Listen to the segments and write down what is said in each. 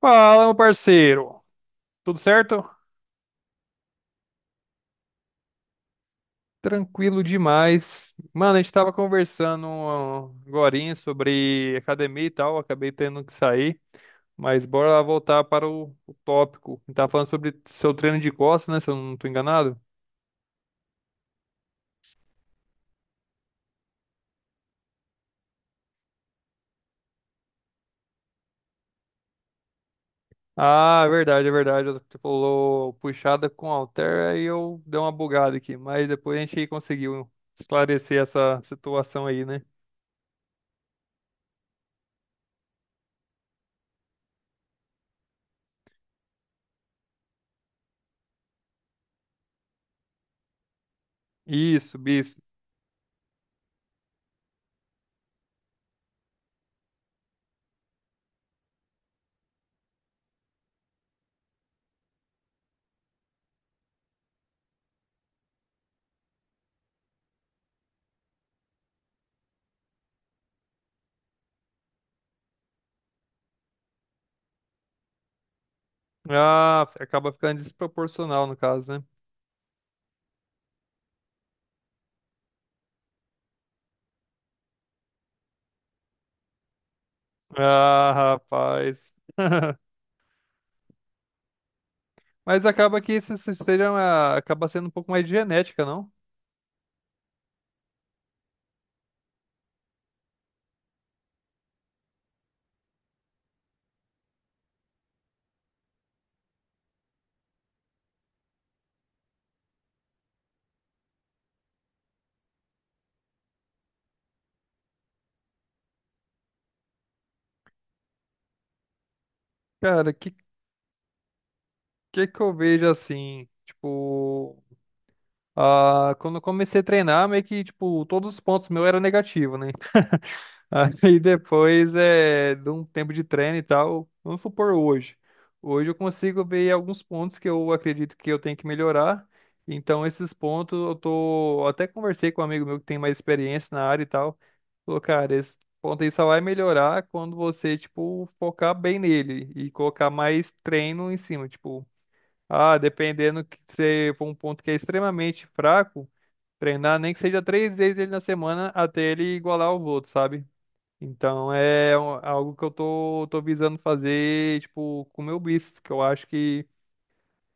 Fala, meu parceiro. Tudo certo? Tranquilo demais. Mano, a gente tava conversando agora sobre academia e tal, acabei tendo que sair, mas bora lá voltar para o tópico. A gente tava falando sobre seu treino de costas, né? Se eu não tô enganado. Ah, é verdade, é verdade. Você falou puxada com halter, aí eu dei uma bugada aqui, mas depois a gente conseguiu esclarecer essa situação aí, né? Isso, bis. Ah, acaba ficando desproporcional no caso, né? Ah, rapaz. Mas acaba que isso seja acaba sendo um pouco mais de genética, não? Cara, que que eu vejo assim, tipo, ah, quando eu comecei a treinar, meio que tipo, todos os pontos meus eram negativos, né? Aí depois é de um tempo de treino e tal. Vamos supor hoje. Hoje eu consigo ver alguns pontos que eu acredito que eu tenho que melhorar. Então, esses pontos eu tô. Eu Até conversei com um amigo meu que tem mais experiência na área e tal. Falou, cara, esse ponto aí só vai melhorar quando você, tipo, focar bem nele e colocar mais treino em cima. Tipo, ah, dependendo que você for um ponto que é extremamente fraco, treinar nem que seja três vezes ele na semana até ele igualar os outros, sabe? Então é algo que eu tô visando fazer, tipo, com o meu bíceps, que eu acho que.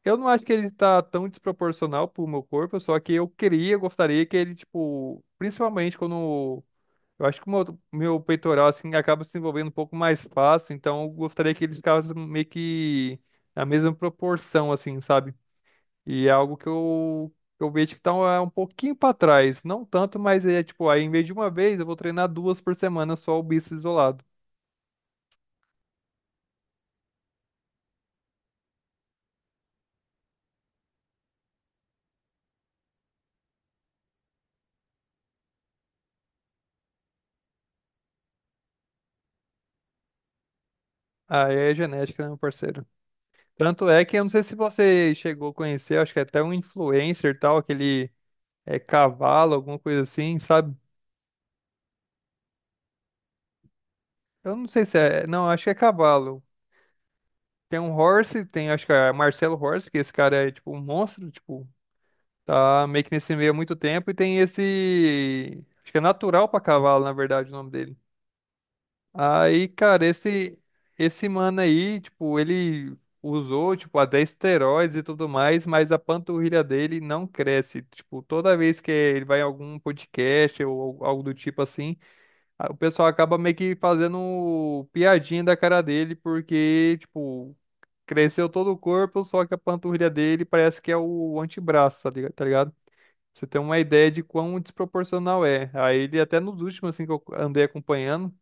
Eu não acho que ele tá tão desproporcional pro meu corpo, só que eu queria, gostaria que ele, tipo, principalmente quando. Eu acho que o meu, meu peitoral, assim, acaba se envolvendo um pouco mais fácil, então eu gostaria que ele ficasse meio que na mesma proporção, assim, sabe? E é algo que eu vejo que tá um, é um pouquinho pra trás. Não tanto, mas é, tipo, aí em vez de uma vez, eu vou treinar duas por semana só o bíceps isolado. Ah, é genética, né, meu parceiro? Tanto é que eu não sei se você chegou a conhecer, acho que é até um influencer e tal, aquele é cavalo, alguma coisa assim, sabe? Eu não sei se é, não, acho que é cavalo. Tem um Horse, tem acho que é Marcelo Horse, que esse cara é tipo um monstro, tipo, tá meio que nesse meio há muito tempo e tem esse, acho que é natural pra cavalo, na verdade, o nome dele. Aí, cara, esse mano aí, tipo, ele usou, tipo, até esteroides e tudo mais, mas a panturrilha dele não cresce. Tipo, toda vez que ele vai em algum podcast ou algo do tipo assim, o pessoal acaba meio que fazendo piadinha da cara dele, porque, tipo, cresceu todo o corpo, só que a panturrilha dele parece que é o antebraço, tá ligado? Pra Você tem uma ideia de quão desproporcional é. Aí ele até nos últimos, assim, que eu andei acompanhando,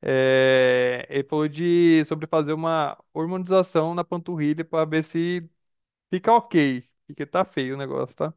é, ele falou de sobre fazer uma hormonização na panturrilha para ver se fica ok, porque tá feio o negócio, tá?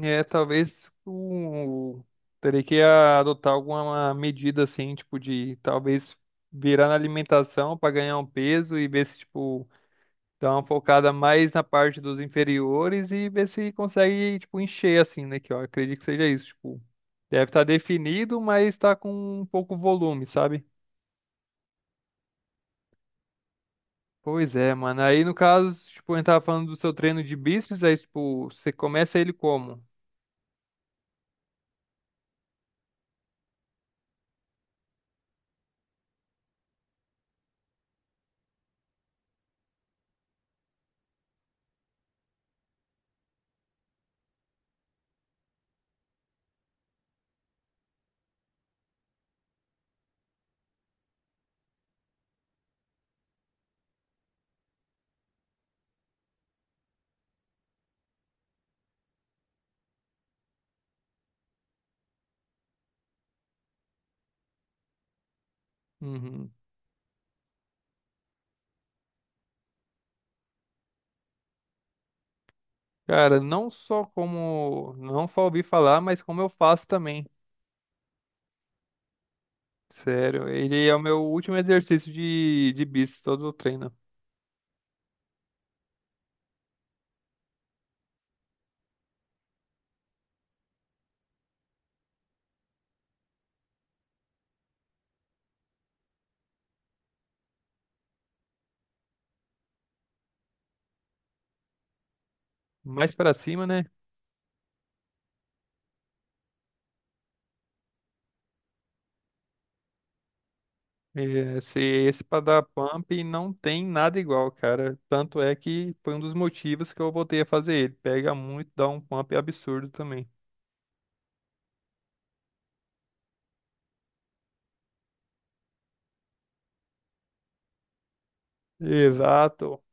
É, talvez o terei que adotar alguma medida assim, tipo de talvez virar na alimentação para ganhar um peso e ver se tipo dá uma focada mais na parte dos inferiores e ver se consegue tipo encher assim, né? Que eu acredito que seja isso, tipo, deve estar definido, mas tá com um pouco volume, sabe? Pois é, mano. Aí, no caso, tipo, a gente tava falando do seu treino de bíceps, aí, tipo, você começa ele como? Uhum. Cara, não só como, não só ouvi falar, mas como eu faço também. Sério, ele é o meu último exercício de bíceps, todo o treino. Mais pra cima, né? É, esse pra dar pump não tem nada igual, cara. Tanto é que foi um dos motivos que eu voltei a fazer ele. Pega muito, dá um pump absurdo também. Exato.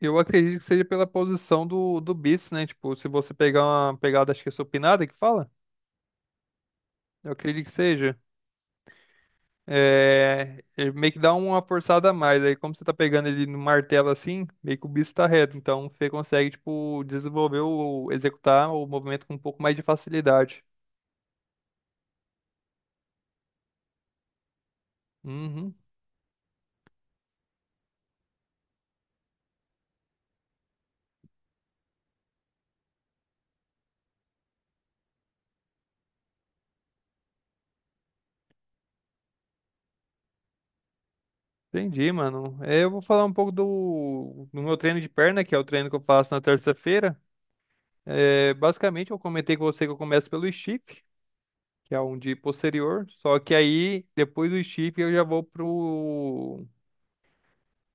Eu acredito que seja pela posição do bíceps, né? Tipo, se você pegar uma pegada, acho que é supinada que fala, eu acredito que seja. É, ele meio que dá uma forçada a mais. Aí, como você tá pegando ele no martelo assim, meio que o bíceps tá reto. Então, você consegue, tipo, desenvolver ou executar o movimento com um pouco mais de facilidade. Uhum. Entendi, mano. É, eu vou falar um pouco do meu treino de perna, que é o treino que eu faço na terça-feira. É, basicamente, eu comentei com você que eu começo pelo stiff, que é um de posterior. Só que aí, depois do chip, eu já vou pro,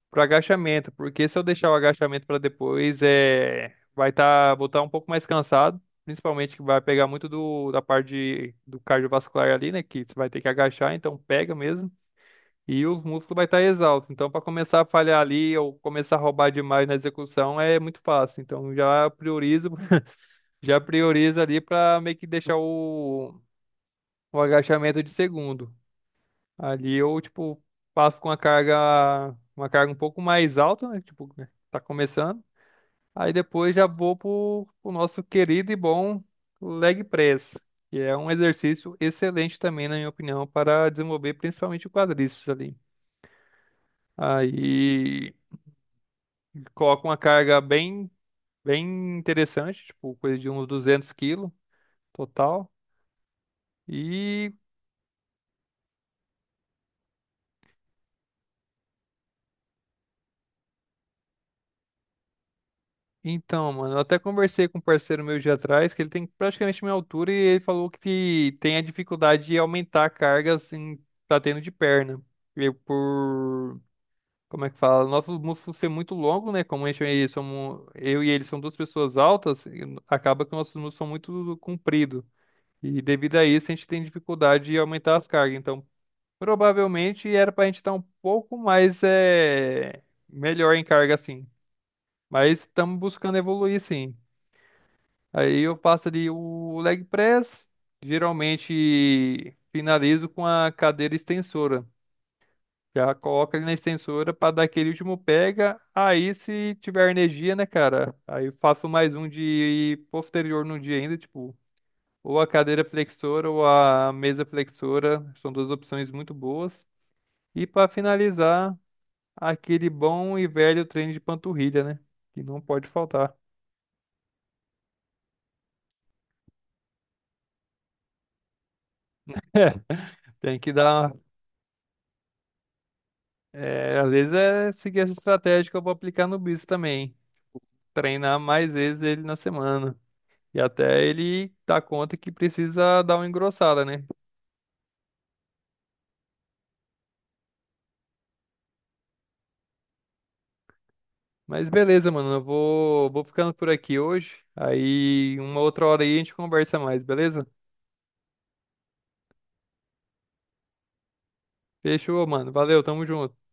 pro agachamento, porque se eu deixar o agachamento para depois, é, vai estar, vou estar um pouco mais cansado, principalmente que vai pegar muito da parte do cardiovascular ali, né, que você vai ter que agachar, então pega mesmo. E os músculos vai estar exalto. Então, para começar a falhar ali ou começar a roubar demais na execução é muito fácil. Então, já priorizo, já priorizo ali para meio que deixar o agachamento de segundo. Ali eu, tipo, passo com uma carga um pouco mais alta, né? Tipo, né, tá começando. Aí depois já vou pro nosso querido e bom leg press, que é um exercício excelente também, na minha opinião, para desenvolver principalmente o quadríceps ali. Aí coloco uma carga bem, bem interessante, tipo, coisa de uns 200 quilos total. E Então, mano, eu até conversei com um parceiro meu de atrás, que ele tem praticamente minha altura, e ele falou que tem a dificuldade de aumentar a carga, assim, tá tendo de perna. E por, Como é que fala? Nosso músculo ser muito longo, né? Como a gente, somos, eu e ele são duas pessoas altas, e acaba que nossos músculos são muito compridos. E devido a isso, a gente tem dificuldade de aumentar as cargas. Então, provavelmente era pra gente estar um pouco mais, é, melhor em carga, assim. Mas estamos buscando evoluir, sim. Aí eu faço ali o leg press, geralmente finalizo com a cadeira extensora. Já coloca ali na extensora para dar aquele último pega. Aí se tiver energia, né, cara? Aí eu faço mais um de posterior no dia ainda, tipo, ou a cadeira flexora ou a mesa flexora. São duas opções muito boas. E para finalizar, aquele bom e velho treino de panturrilha, né? Que não pode faltar. Tem que dar É, às vezes é seguir essa estratégia que eu vou aplicar no Bis também. Treinar mais vezes ele na semana. E até ele dar conta que precisa dar uma engrossada, né? Mas beleza, mano. Eu vou ficando por aqui hoje. Aí, uma outra hora aí a gente conversa mais, beleza? Fechou, mano. Valeu, tamo junto.